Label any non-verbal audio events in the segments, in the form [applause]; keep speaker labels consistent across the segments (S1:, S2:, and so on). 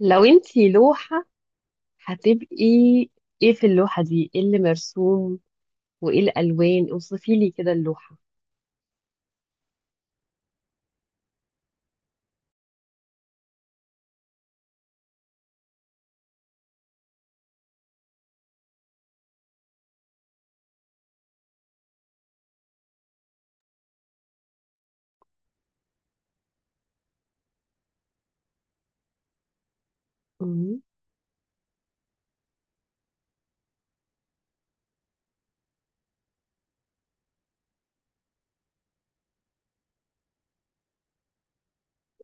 S1: لو انتي لوحة هتبقي، ايه في اللوحة دي؟ ايه اللي مرسوم وايه الالوان؟ اوصفي لي كده اللوحة. مم.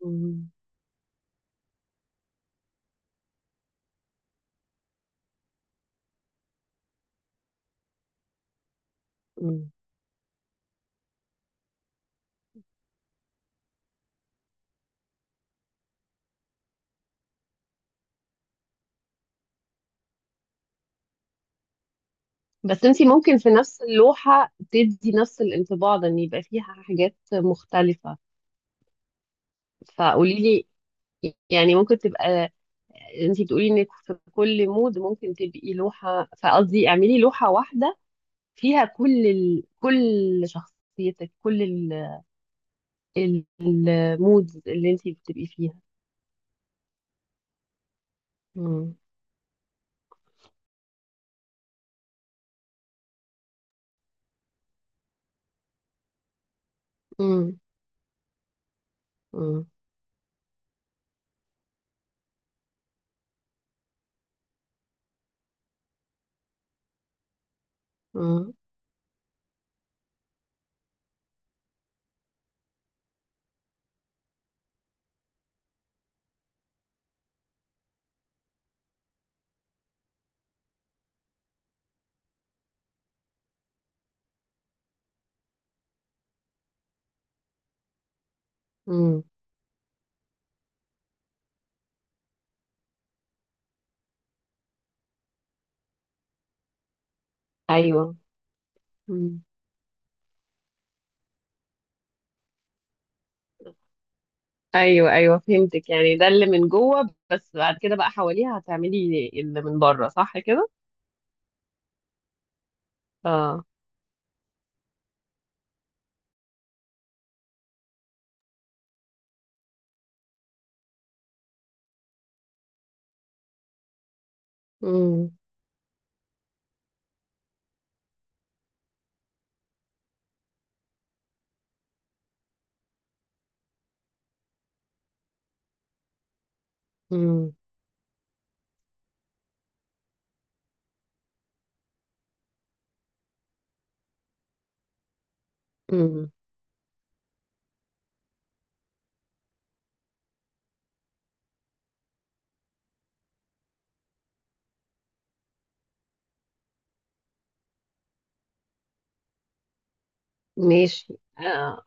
S1: مم. مم. بس انتي ممكن في نفس اللوحة تدي نفس الانطباع ده، ان يبقى فيها حاجات مختلفة. فقولي لي، يعني ممكن تبقى، انتي بتقولي انك في كل مود ممكن تبقي لوحة، فقصدي اعملي لوحة واحدة فيها كل كل شخصيتك، كل المودز اللي انتي بتبقي فيها. مم. مم. مم. مم. مم. ايوه. مم. ايوه، ايوه فهمتك، يعني ده اللي من جوه، بس بعد كده بقى حواليها هتعملي اللي من بره، صح كده؟ اه. امم. امم. امم. ماشي. آه.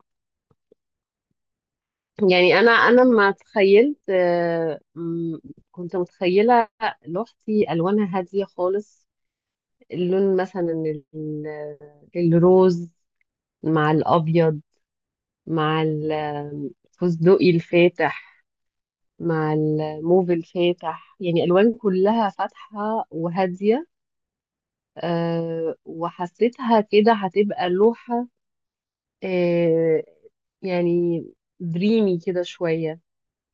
S1: يعني انا ما تخيلت، كنت متخيله لوحتي الوانها هاديه خالص، اللون مثلا ال- الروز مع الابيض، مع الفستقي الفاتح، مع الموف الفاتح، يعني الوان كلها فاتحه وهاديه. وحسيتها كده هتبقى لوحه أه يعني دريمي كده شويه،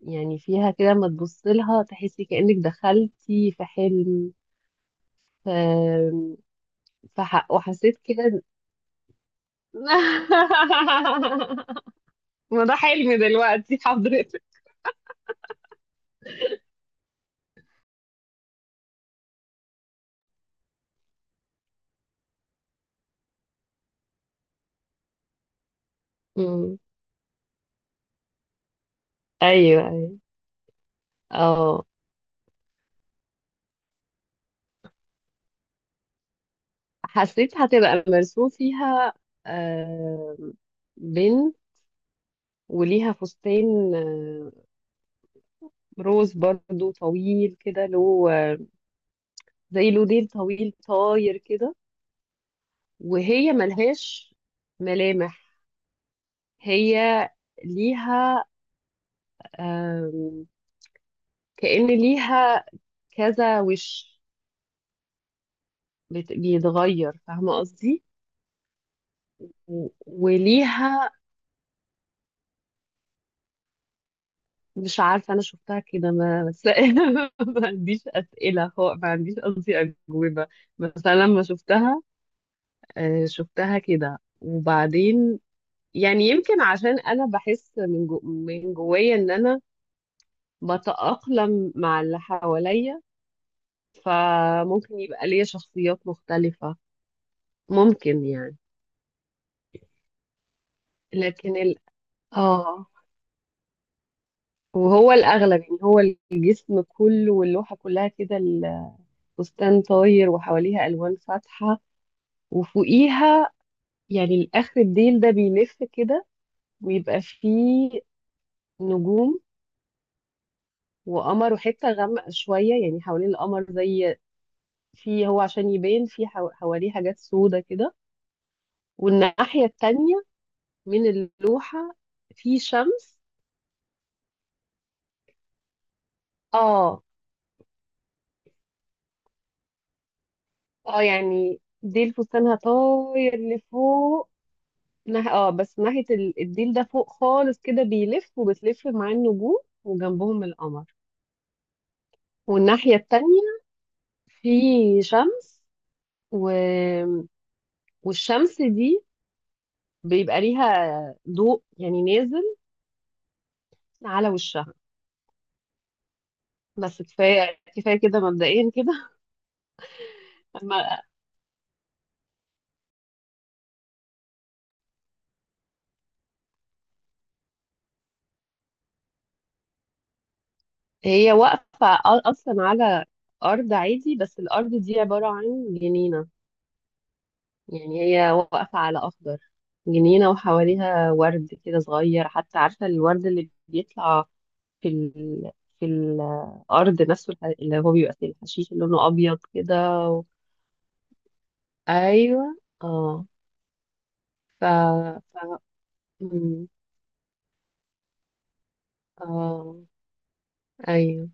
S1: يعني فيها كده ما تبص لها تحسي كأنك دخلتي في حلم. ف... وحسيت كده. [laughs] ما ده حلم دلوقتي حضرتك. مم. ايوه، ايوه. اه، حسيت هتبقى مرسوم فيها آه، بنت وليها فستان روز برضو طويل كده له زي له ديل طويل طاير كده، وهي ملهاش ملامح. هي ليها آم، كأن ليها كذا وش بيتغير، فاهمة قصدي؟ و- وليها. مش عارفة، أنا شفتها كده ما بس، [laughs] ما عنديش أسئلة، هو ما عنديش قصدي أجوبة. بس أنا لما شفتها شفتها كده، وبعدين يعني يمكن عشان أنا بحس من جوايا إن أنا بتأقلم مع اللي حواليا. فممكن يبقى ليا شخصيات مختلفة، ممكن يعني. لكن ال آه وهو الأغلب، يعني هو الجسم كله واللوحة كلها كده، الفستان طاير وحواليها ألوان فاتحة. وفوقيها، يعني الآخر الديل ده بيلف كده ويبقى فيه نجوم وقمر وحتة غامقة شوية، يعني حوالين القمر، زي، في هو عشان يبان، في حواليه حاجات سودة كده. والناحية التانية من اللوحة في شمس. اه. اه يعني ديل فستانها طاير لفوق. اه، بس ناحية الديل ده فوق خالص كده بيلف وبتلف مع النجوم وجنبهم القمر. والناحية التانية في شمس و... والشمس دي بيبقى ليها ضوء يعني نازل على وشها. بس كفايه كفايه كده مبدئيا كده. [laughs] أما هي واقفه اصلا على ارض عادي، بس الارض دي عباره عن جنينه. يعني هي واقفه على اخضر، جنينه وحواليها ورد كده صغير، حتى عارفه الورد اللي بيطلع في ال... في الارض نفسه، اللي هو بيبقى في الحشيش، اللي لونه ابيض كده و... ايوه. اه. ف... مم. اه، ايوه.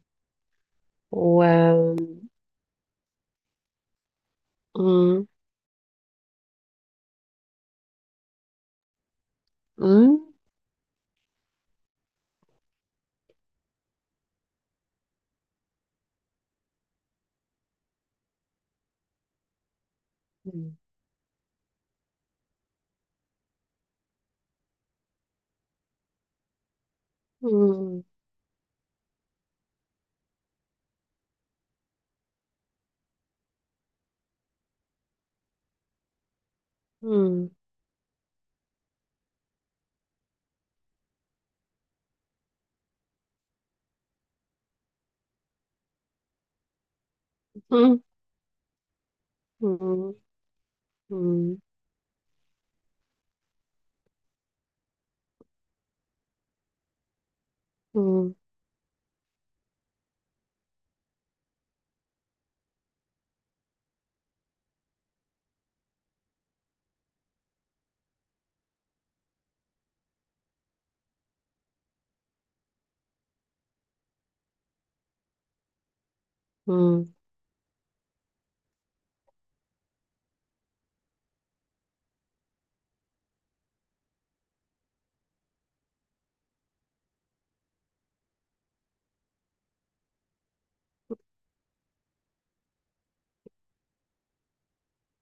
S1: و مم. مم. مم. مم. مم. مم. مم. مم. مم.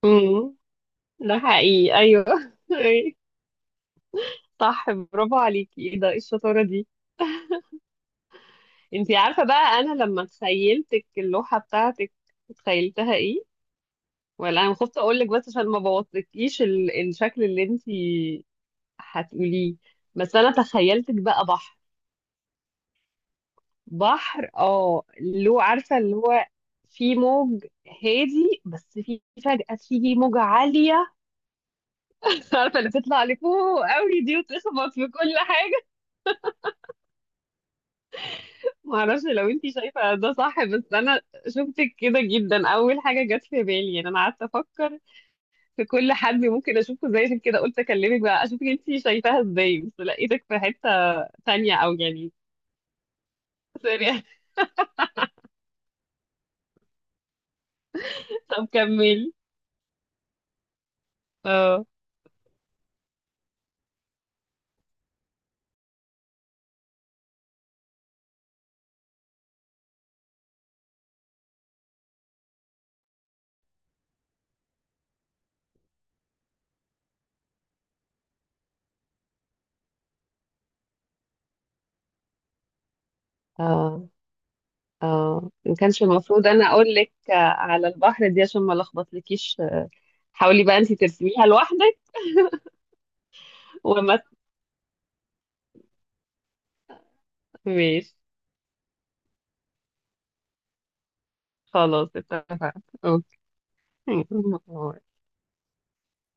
S1: مم. ده حقيقي، ايوه. [laughs] أيوة. صح، برافو عليكي، ايه ده، إيه الشطاره دي؟ انتي عارفه بقى، انا لما تخيلتك اللوحه بتاعتك تخيلتها ايه؟ ولا انا خفت اقول لك بس عشان ما بوظتكيش الشكل اللي انتي هتقوليه. بس انا تخيلتك بقى بحر. بحر، اه، له، عارفة اللي هو في موج هادي بس في فجأة تيجي موجة عالية، [laughs] عارفة اللي بتطلع لفوق قوي دي وتخبط في كل حاجة. معرفش لو انتي شايفة ده صح، بس انا شفتك كده جدا، اول حاجة جت في بالي. يعني انا قعدت افكر في كل حد ممكن اشوفه زي، عشان كده قلت اكلمك بقى اشوفك انتي شايفاها ازاي، بس لقيتك في حتة تانية او يعني، سوري. [laughs] طب كملي. اه، اه، ما كانش المفروض انا اقول لك على البحر دي عشان ما لخبطلكيش. حاولي بقى انت ترسميها لوحدك. وما ماشي، خلاص اتفقنا، اوكي. [laughs]